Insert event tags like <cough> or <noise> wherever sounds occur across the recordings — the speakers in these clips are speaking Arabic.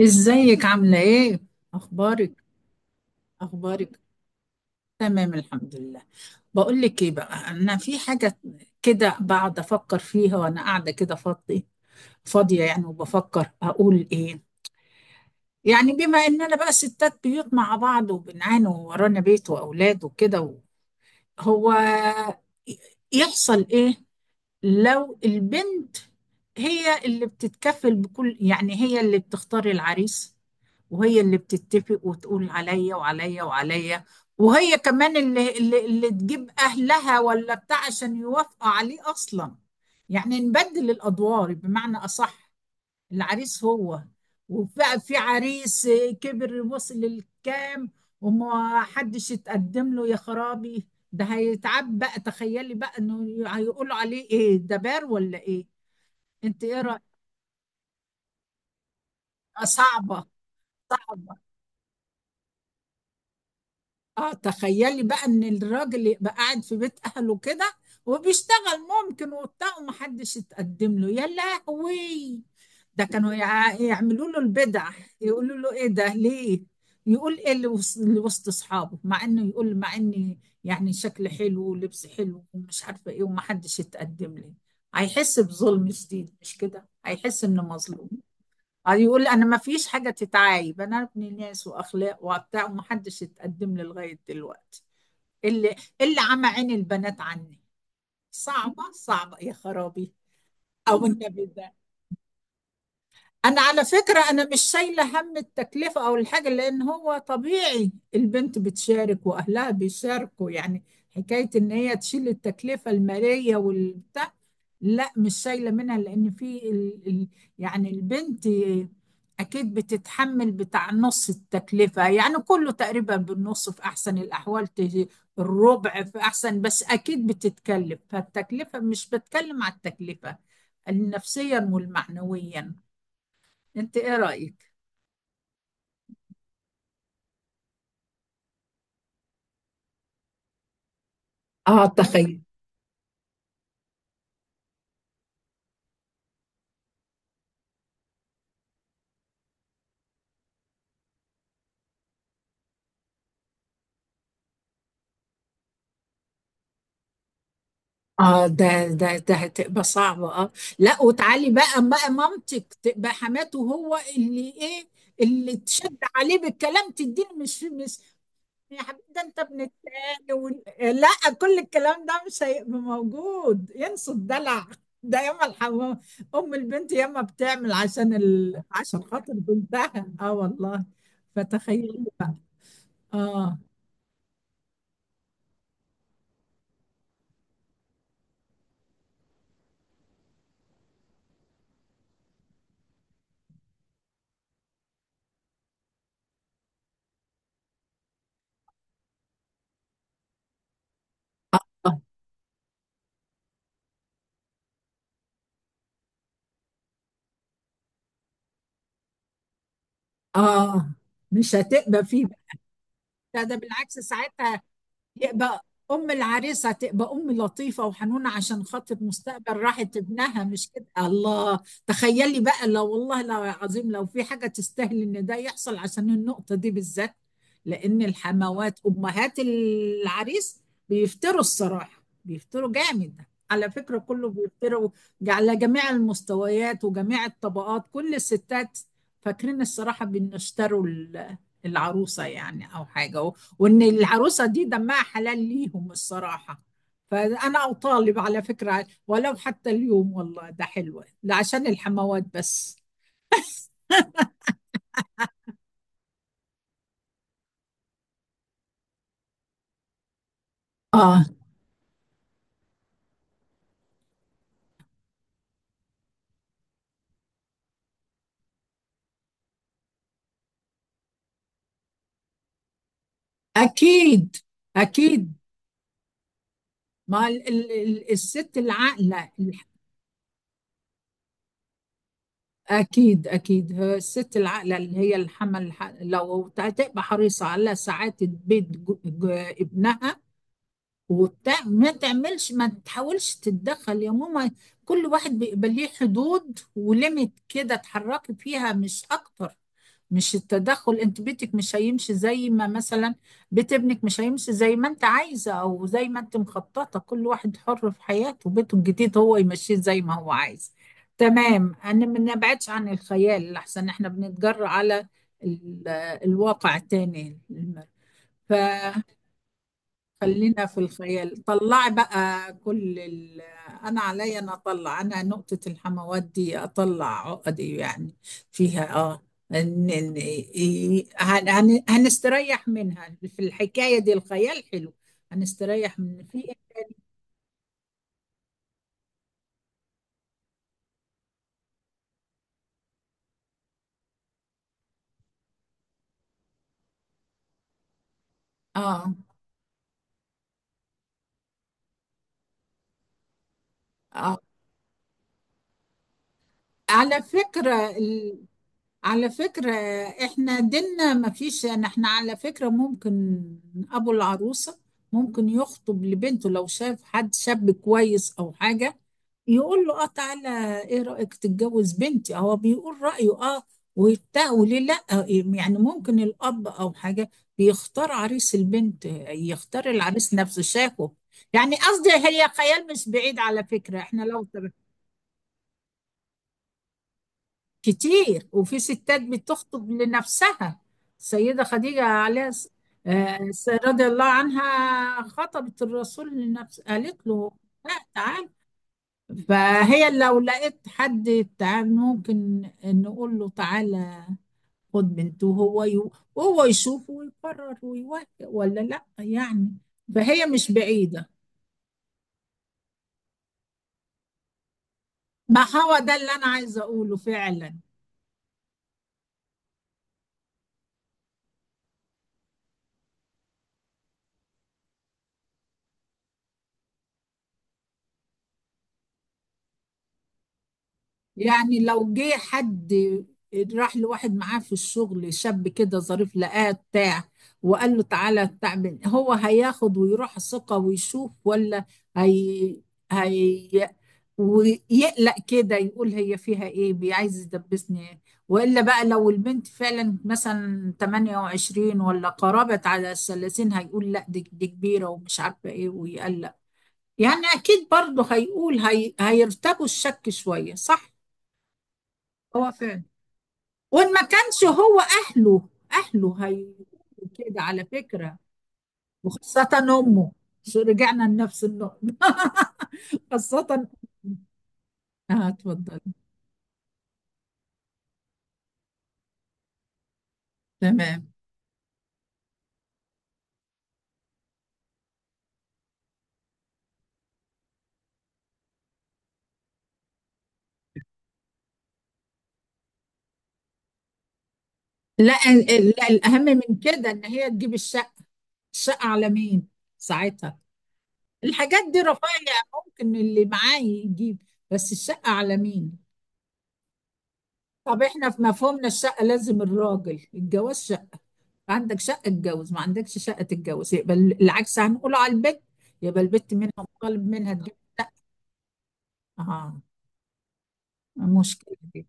ازيك عاملة ايه؟ اخبارك. اخبارك تمام الحمد لله. بقول لك ايه بقى، انا في حاجة كده بقعد افكر فيها وانا قاعدة كده فاضية. فاضية يعني، وبفكر اقول ايه. يعني بما اننا بقى ستات بيوت مع بعض وبنعاني وورانا بيت واولاد وكده، هو يحصل ايه لو البنت هي اللي بتتكفل بكل، يعني هي اللي بتختار العريس، وهي اللي بتتفق وتقول عليا وعليا وعليا، وهي كمان اللي تجيب أهلها ولا بتاع عشان يوافقوا عليه أصلا. يعني نبدل الأدوار بمعنى أصح. العريس هو، وفي عريس كبر وصل للكام، وما حدش يتقدم له يا خرابي، ده هيتعب بقى. تخيلي بقى انه هيقولوا عليه ايه، ده بار ولا ايه؟ انت ايه رأيك؟ آه، صعبة. صعبة. اه تخيلي بقى ان الراجل يبقى قاعد في بيت اهله كده وبيشتغل، ممكن وبتاع، ومحدش يتقدم له، يا لهوي. ده كانوا يعملوا له البدع، يقولوا له ايه ده ليه. يقول ايه اللي وسط اصحابه، مع انه يقول، مع اني يعني شكل حلو ولبس حلو ومش عارفه ايه، ومحدش يتقدم لي. هيحس بظلم شديد، مش كده؟ هيحس انه مظلوم. اه، يقول لي انا ما فيش حاجه تتعايب، انا ابن ناس واخلاق وبتاع، ومحدش اتقدم لي لغايه دلوقتي. اللي عمى عين البنات عني. صعبه صعبه يا خرابي. او النبي ده. انا على فكرة انا مش شايلة هم التكلفة او الحاجة، لان هو طبيعي البنت بتشارك واهلها بيشاركوا يعني. حكاية ان هي تشيل التكلفة المالية والبتاع، لا مش شايلة منها، لان في يعني البنت اكيد بتتحمل بتاع نص التكلفة، يعني كله تقريبا بالنص في احسن الاحوال، الربع في احسن. بس اكيد بتتكلف، فالتكلفة، مش بتكلم على التكلفة، النفسيا والمعنويا. انت ايه رأيك؟ اه تخيل. اه ده هتبقى صعبة، اه. لا وتعالي بقى مامتك تبقى حماته هو، اللي ايه، اللي تشد عليه بالكلام تديه. مش يا حبيبي، ده انت ابن التاني، لا، كل الكلام ده مش هيبقى موجود، ينسوا الدلع. ده ياما الحمام، ام البنت ياما بتعمل عشان عشان خاطر بنتها، اه والله. فتخيلي بقى. اه. اه مش هتبقى فيه. ده بالعكس، ساعتها يبقى ام العريس هتبقى ام لطيفه وحنونه عشان خاطر مستقبل راحه ابنها، مش كده؟ الله. تخيلي بقى لو، والله لو عظيم، لو في حاجه تستاهل ان ده يحصل، عشان النقطه دي بالذات. لان الحموات، امهات العريس، بيفتروا الصراحه، بيفتروا جامد. على فكره كله بيفتروا، على جميع المستويات وجميع الطبقات، كل الستات. فاكرين الصراحه بيشتروا العروسه يعني، او حاجه. وان العروسه دي دمها حلال ليهم الصراحه. فانا اطالب على فكره، ولو حتى اليوم، والله ده حلوه ده، عشان الحموات بس. اه، اكيد اكيد. ما الست العاقله، اكيد اكيد هي الست العاقله، اللي هي الحمل، لو هتبقى حريصه على سعاده بيت ابنها وبتاع، ما تعملش، ما تحاولش تتدخل يا ماما. كل واحد بيبقى ليه حدود وليميت كده اتحركي فيها، مش اكتر. مش التدخل، انت بيتك مش هيمشي زي ما مثلا، بيت ابنك مش هيمشي زي ما انت عايزه او زي ما انت مخططه، كل واحد حر في حياته، بيته الجديد هو يمشيه زي ما هو عايز. تمام. انا ما نبعدش عن الخيال، لحسن احنا بنتجرأ على ال- الواقع التاني. خلينا في الخيال، طلعي بقى كل انا عليا، انا اطلع، انا نقطة الحموات دي اطلع عقدي يعني فيها، اه. ان هنستريح منها، في الحكاية دي الخيال حلو. هنستريح من في. اه. اه على فكرة، على فكرة احنا ديننا ما فيش يعني، احنا على فكرة ممكن ابو العروسة ممكن يخطب لبنته لو شاف حد شاب كويس او حاجة. يقول له اه تعالى، ايه رأيك تتجوز بنتي، هو بيقول رأيه، اه، وبتاع، وليه لا. يعني ممكن الاب او حاجة بيختار عريس البنت، يختار العريس، نفسه شافه. يعني قصدي هي خيال مش بعيد، على فكرة احنا لو، كتير، وفي ستات بتخطب لنفسها. السيدة خديجة عليها آه، رضي الله عنها، خطبت الرسول لنفسه، قالت له لا تعال. فهي لو لقيت حد تعال ممكن نقول له تعالى، خد بنته، وهو يشوف ويقرر ويوافق ولا لا، يعني. فهي مش بعيدة. ما هو ده اللي أنا عايزة أقوله فعلا. يعني لو جه حد راح لواحد معاه في الشغل شاب كده ظريف، لقاه بتاع وقال له تعالى تعمل، هو هياخد ويروح ثقة ويشوف، ولا هي هي ويقلق كده يقول هي فيها ايه، عايز يدبسني ايه. والا بقى لو البنت فعلا مثلا 28 ولا قربت على الـ30، هيقول لا دي كبيرة ومش عارفة ايه، ويقلق. يعني اكيد برضه هيقول هي، هيرتبوا الشك شوية، صح. هو فعلا. وان ما كانش هو، اهله هيقولوا كده على فكره. وخاصه امه. شو رجعنا لنفس النقطه. خاصه أمه. اه اتفضل. تمام. لا لا الاهم من كده ان هي تجيب الشقه. الشقه على مين ساعتها؟ الحاجات دي رفاهيه، ممكن اللي معاه يجيب، بس الشقه على مين؟ طب احنا في مفهومنا الشقه لازم الراجل الجواز، عندك شقة اتجوز، ما عندكش شقة تتجوز، يبقى العكس هنقوله على البت، يبقى البت منها مطالب منها تجيب، اه. مشكلة.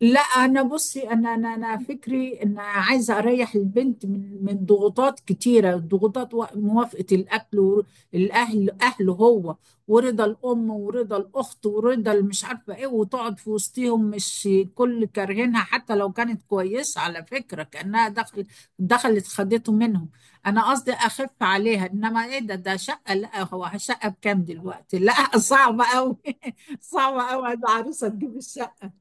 لا انا بصي، انا انا فكري ان عايزه اريح البنت من ضغوطات كتيره، ضغوطات موافقه الاكل والاهل اهله هو، ورضا الام ورضا الاخت ورضا مش عارفه ايه، وتقعد في وسطهم مش كل كارهينها، حتى لو كانت كويسه على فكره، كانها دخل، دخلت خدته منهم. انا قصدي اخف عليها، انما ايه، ده شقه، لا هو شقه بكام دلوقتي، لا صعبه قوي <laughs> صعبه قوي عروسه تجيب الشقه.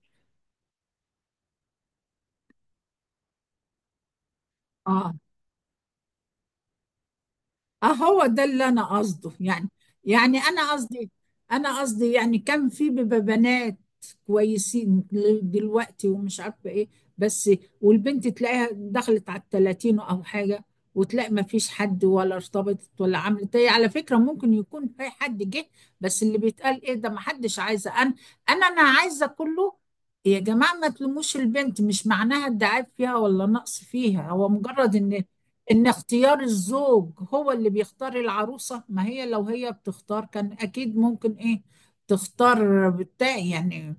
اه. اهو ده اللي انا قصده يعني. يعني انا قصدي، انا قصدي يعني كان في بيبقى بنات كويسين، دلوقتي ومش عارفه ايه، بس، والبنت تلاقيها دخلت على الـ30 او حاجه، وتلاقي ما فيش حد، ولا ارتبطت ولا عملت ايه، على فكره ممكن يكون في حد جه، بس اللي بيتقال ايه ده، ما حدش عايزه، انا انا عايزه كله. يا جماعه ما تلوموش البنت، مش معناها الدعاية فيها ولا نقص فيها، هو مجرد ان، ان اختيار الزوج هو اللي بيختار العروسة، ما هي لو هي بتختار كان اكيد ممكن ايه، تختار بتاع يعني.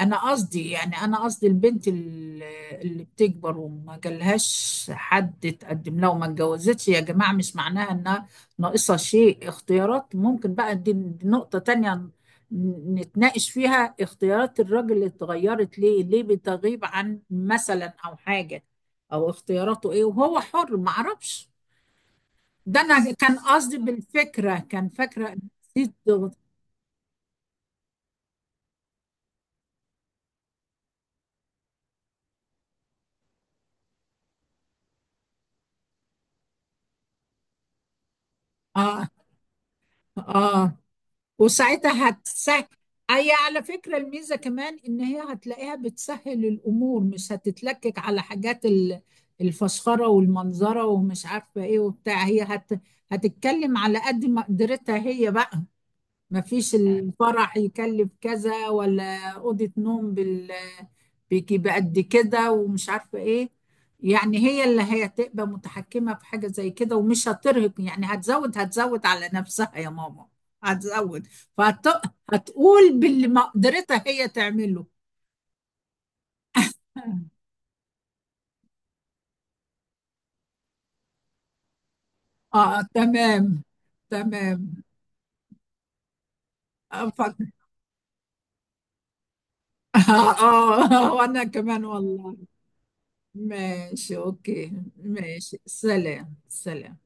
انا قصدي يعني، انا قصدي البنت اللي بتكبر وما جالهاش حد تقدم لها وما اتجوزتش، يا جماعة مش معناها انها ناقصة شيء. اختيارات ممكن بقى، دي نقطة تانية نتناقش فيها، اختيارات الراجل اللي اتغيرت، ليه ليه بتغيب عن مثلا، او حاجة، او اختياراته ايه، وهو حر ما اعرفش. ده انا كان قصدي بالفكرة كان، فاكرة، نسيت. اه. اه وساعتها هتسهل. هي على فكرة الميزة كمان إن هي هتلاقيها بتسهل الأمور، مش هتتلكك على حاجات الفسخرة والمنظرة ومش عارفة إيه وبتاع، هتتكلم على قد ما قدرتها هي بقى. مفيش الفرح يكلف كذا ولا أوضة نوم بال، بيجي بقد كده ومش عارفة ايه. يعني هي اللي هي تبقى متحكمة في حاجة زي كده ومش هترهق، يعني هتزود، هتزود على نفسها يا ماما، هتزود، فهتقول باللي ما قدرتها هي تعمله. <laughs> اه تمام. تمام. آه، <laughs> اه. آه، وانا كمان والله. ماشي اوكي ماشي، سلام سلام.